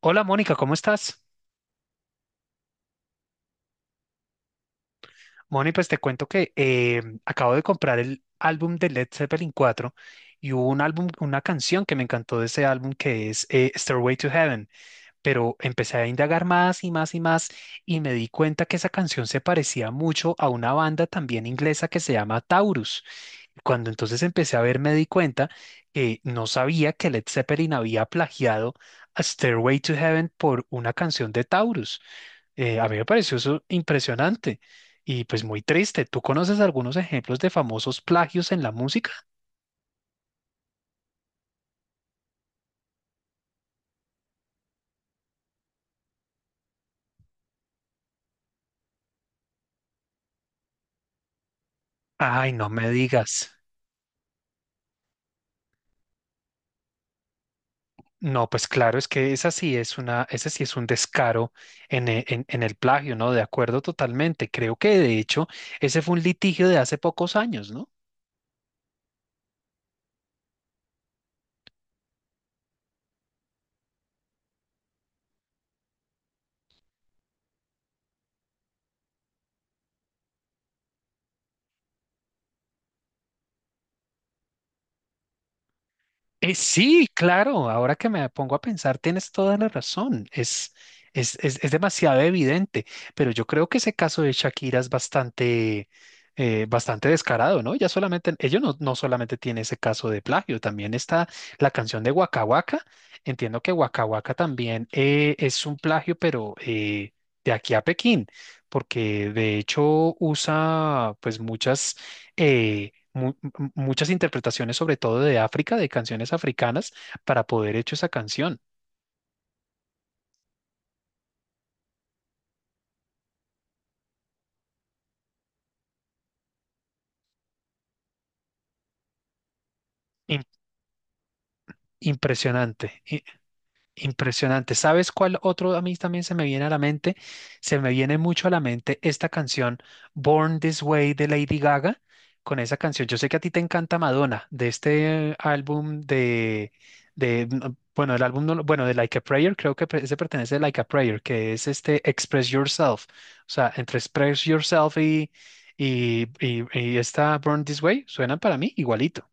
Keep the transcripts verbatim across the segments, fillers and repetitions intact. Hola Mónica, ¿cómo estás? Mónica, pues te cuento que eh, acabo de comprar el álbum de Led Zeppelin cuatro y hubo un álbum, una canción que me encantó de ese álbum que es eh, Stairway to Heaven. Pero empecé a indagar más y más y más y me di cuenta que esa canción se parecía mucho a una banda también inglesa que se llama Taurus. Cuando entonces empecé a ver, me di cuenta que no sabía que Led Zeppelin había plagiado a Stairway to Heaven por una canción de Taurus. Eh, a mí me pareció eso impresionante y pues muy triste. ¿Tú conoces algunos ejemplos de famosos plagios en la música? Ay, no me digas. No, pues claro, es que esa sí es una, ese sí es un descaro en, e- en- en el plagio, ¿no? De acuerdo totalmente. Creo que de hecho ese fue un litigio de hace pocos años, ¿no? Eh, sí, claro, ahora que me pongo a pensar, tienes toda la razón. Es, es, es, es demasiado evidente, pero yo creo que ese caso de Shakira es bastante, eh, bastante descarado, ¿no? Ya solamente, ellos no, no solamente tiene ese caso de plagio, también está la canción de Waka Waka. Entiendo que Waka Waka también eh, es un plagio, pero eh, de aquí a Pekín, porque de hecho usa pues muchas. eh, mu- m- Muchas interpretaciones, sobre todo de África, de canciones africanas, para poder hecho esa canción. Im- impresionante, i- Impresionante. ¿Sabes cuál otro a mí también se me viene a la mente? Se me viene mucho a la mente esta canción Born This Way de Lady Gaga. Con esa canción, yo sé que a ti te encanta Madonna, de este álbum de, de no, bueno, el álbum, no lo- bueno, de Like a Prayer, creo que pre- ese pertenece a Like a Prayer, que es este Express Yourself. O sea, entre Express Yourself y, y, y, y esta Born This Way suenan para mí igualito.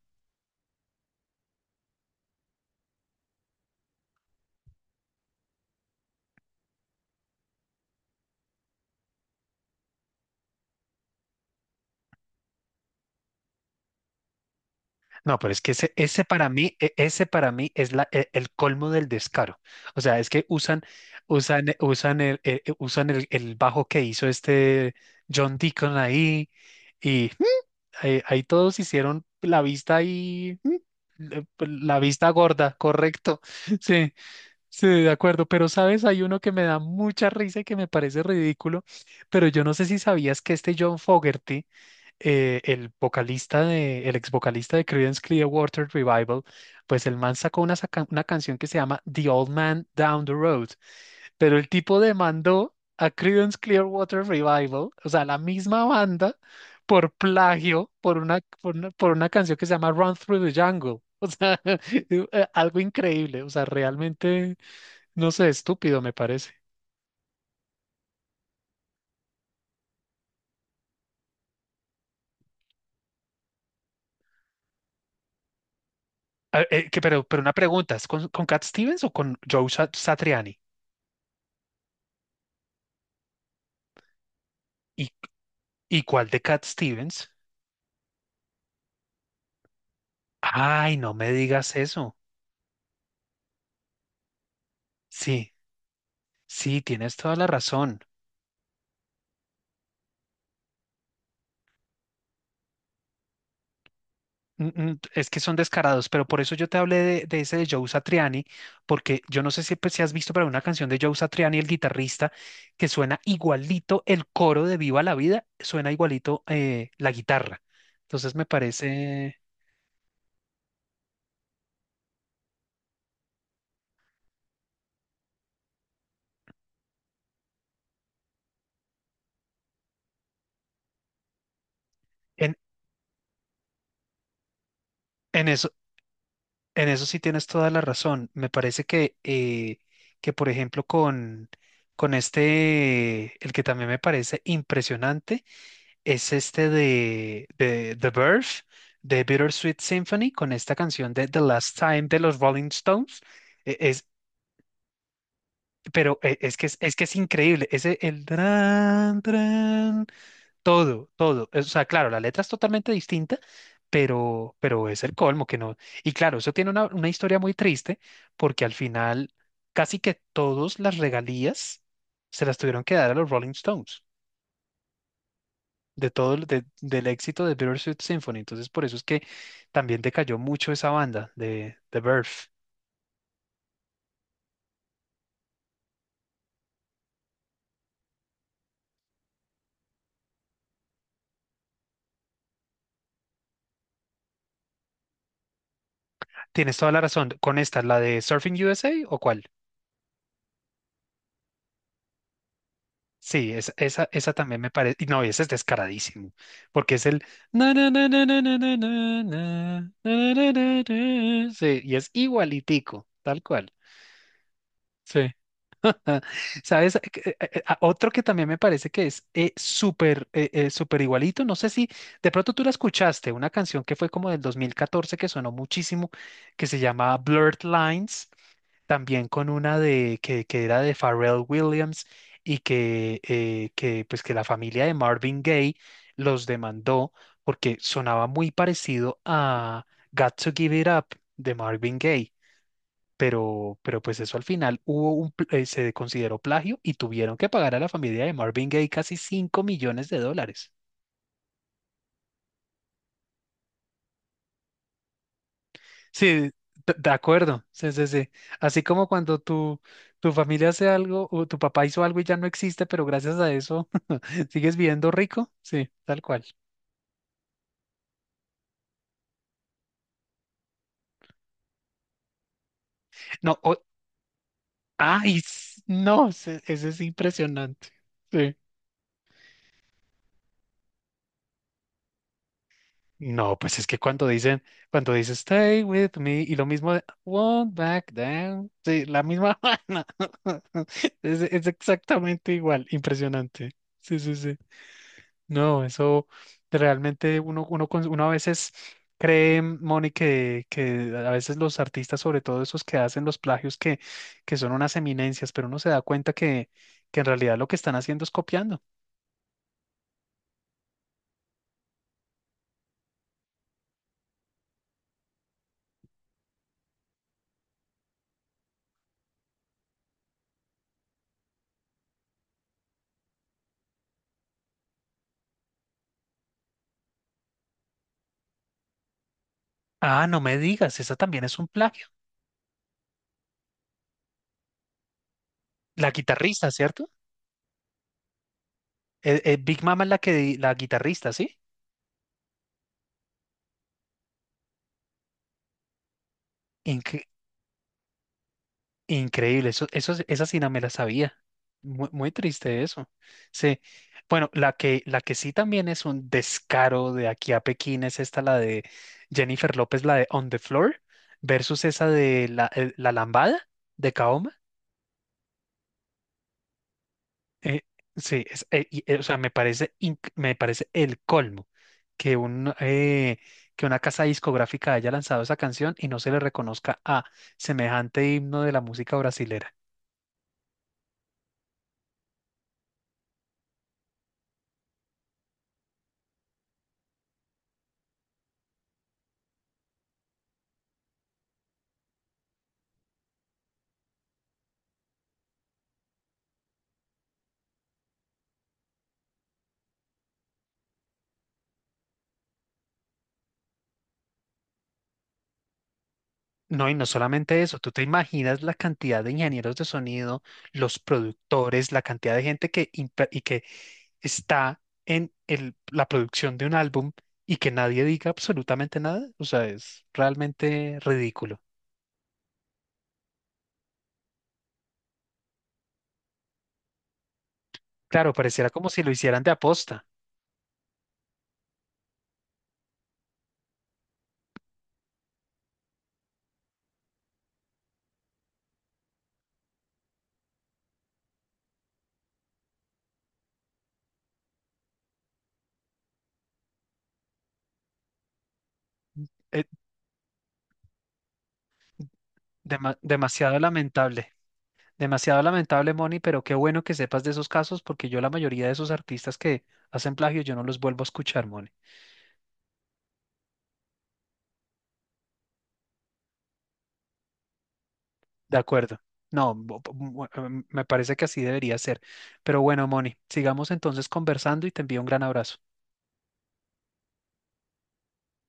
No, pero es que ese, ese para mí, e- ese para mí es la, e- el colmo del descaro. O sea, es que usan, usan, eh, usan el, eh, eh, usan el, el bajo que hizo este John Deacon ahí y mm, ahí, ahí todos hicieron la vista ahí, mm, eh, p- la vista gorda, correcto. Sí, sí, de acuerdo. Pero sabes, hay uno que me da mucha risa y que me parece ridículo, pero yo no sé si sabías que este John Fogerty eh, el vocalista de, el ex vocalista de Creedence Clearwater Revival, pues el man sacó una, saca- una canción que se llama The Old Man Down the Road, pero el tipo demandó a Creedence Clearwater Revival, o sea, la misma banda, por plagio, por una, por una, por una canción que se llama Run Through the Jungle. O sea, eh, algo increíble, o sea, realmente, no sé, estúpido me parece. Ah, eh, que- pero, pero una pregunta, ¿es con, con Cat Stevens o con Joe Sa- Satriani? ¿Y cuál de Cat Stevens? Ay, no me digas eso. Sí, sí, tienes toda la razón. Mm, mm, es que son descarados, pero por eso yo te hablé de, de ese de Joe Satriani, porque yo no sé si, pues, si has visto, pero una canción de Joe Satriani, el guitarrista, que suena igualito el coro de Viva la Vida, suena igualito eh, la guitarra. Entonces me parece, en, en en eso sí tienes toda la razón. Me parece que, eh, que por ejemplo, con, con este, el que también me parece impresionante es este de, de The Verve, de Bittersweet Symphony, con esta canción de The Last Time de los Rolling Stones. E- Es, pero eh, es que es, es que es increíble. Ese, el... Todo, todo. Es- O sea, claro, la letra es totalmente distinta, pero, pero es el colmo que no. Y claro, eso tiene una, una historia muy triste, porque al final casi que todas las regalías se las tuvieron que dar a los Rolling Stones, de todo el- de- del éxito de Bittersweet Symphony. Entonces, por eso es que también decayó mucho esa banda de The Birth. Tienes toda la razón. ¿Con esta, la de Surfing U S A o cuál? Sí, esa, esa, esa también me parece. No, ese es descaradísimo, porque es el. Na, na, na, na, na, na, na, na, na, na, na, na, na. Sí, y es igualitico, tal cual. Sí. ¿Sabes? Eh, eh, eh, a- Otro que también me parece que es eh, súper eh, eh, súper igualito. No sé si de pronto tú la escuchaste, una canción que fue como del dos mil catorce que sonó muchísimo, que se llama Blurred Lines también con una de que, que era de Pharrell Williams y que, eh, que, pues que la familia de Marvin Gaye los demandó porque sonaba muy parecido a Got to Give It Up de Marvin Gaye. Pero, pero pues eso al final hubo un, pl- eh, se consideró plagio y tuvieron que pagar a la familia de Marvin Gaye casi cinco millones de dólares. Sí, de de acuerdo. Sí, sí, sí. Así como cuando tu, tu familia hace algo o tu papá hizo algo y ya no existe, pero gracias a eso sigues viviendo rico. Sí, tal cual. No, o- ay, s- no, ese, ese es impresionante. Sí. No, pues es que cuando dicen, cuando dice stay with me y lo mismo de won't back down, sí, la misma vaina. Es, es exactamente igual, impresionante. Sí, sí, sí. No, eso realmente uno, uno, cons- uno a veces cree, Moni, que, que a veces los artistas, sobre todo esos que hacen los plagios, que, que son unas eminencias, pero uno se da cuenta que, que en realidad lo que están haciendo es copiando. Ah, no me digas, esa también es un plagio. La guitarrista, ¿cierto? Eh, eh, Big Mama es la que, la guitarrista, ¿sí? Increíble, eso, eso, sí, esa sí no me la sabía. Muy, muy triste eso. Sí. Bueno, la que, la que sí también es un descaro de aquí a Pekín es esta, la de Jennifer López, la de On the Floor, versus esa de La, eh, la Lambada de Kaoma. Eh, sí, es- eh, y, eh, o sea, me parece, inc- me parece el colmo que, un, eh, que una casa discográfica haya lanzado esa canción y no se le reconozca a semejante himno de la música brasilera. No, y no solamente eso, tú te imaginas la cantidad de ingenieros de sonido, los productores, la cantidad de gente que, impa- y que está en el- la producción de un álbum y que nadie diga absolutamente nada. O sea, es realmente ridículo. Claro, pareciera como si lo hicieran de aposta. Eh, dema- Demasiado lamentable, demasiado lamentable, Moni, pero qué bueno que sepas de esos casos porque yo la mayoría de esos artistas que hacen plagio yo no los vuelvo a escuchar, Moni. De acuerdo. No, bu- bu- bu- em, Me parece que así debería ser. Pero bueno, Moni, sigamos entonces conversando y te envío un gran abrazo.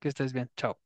Que estés bien. Chao.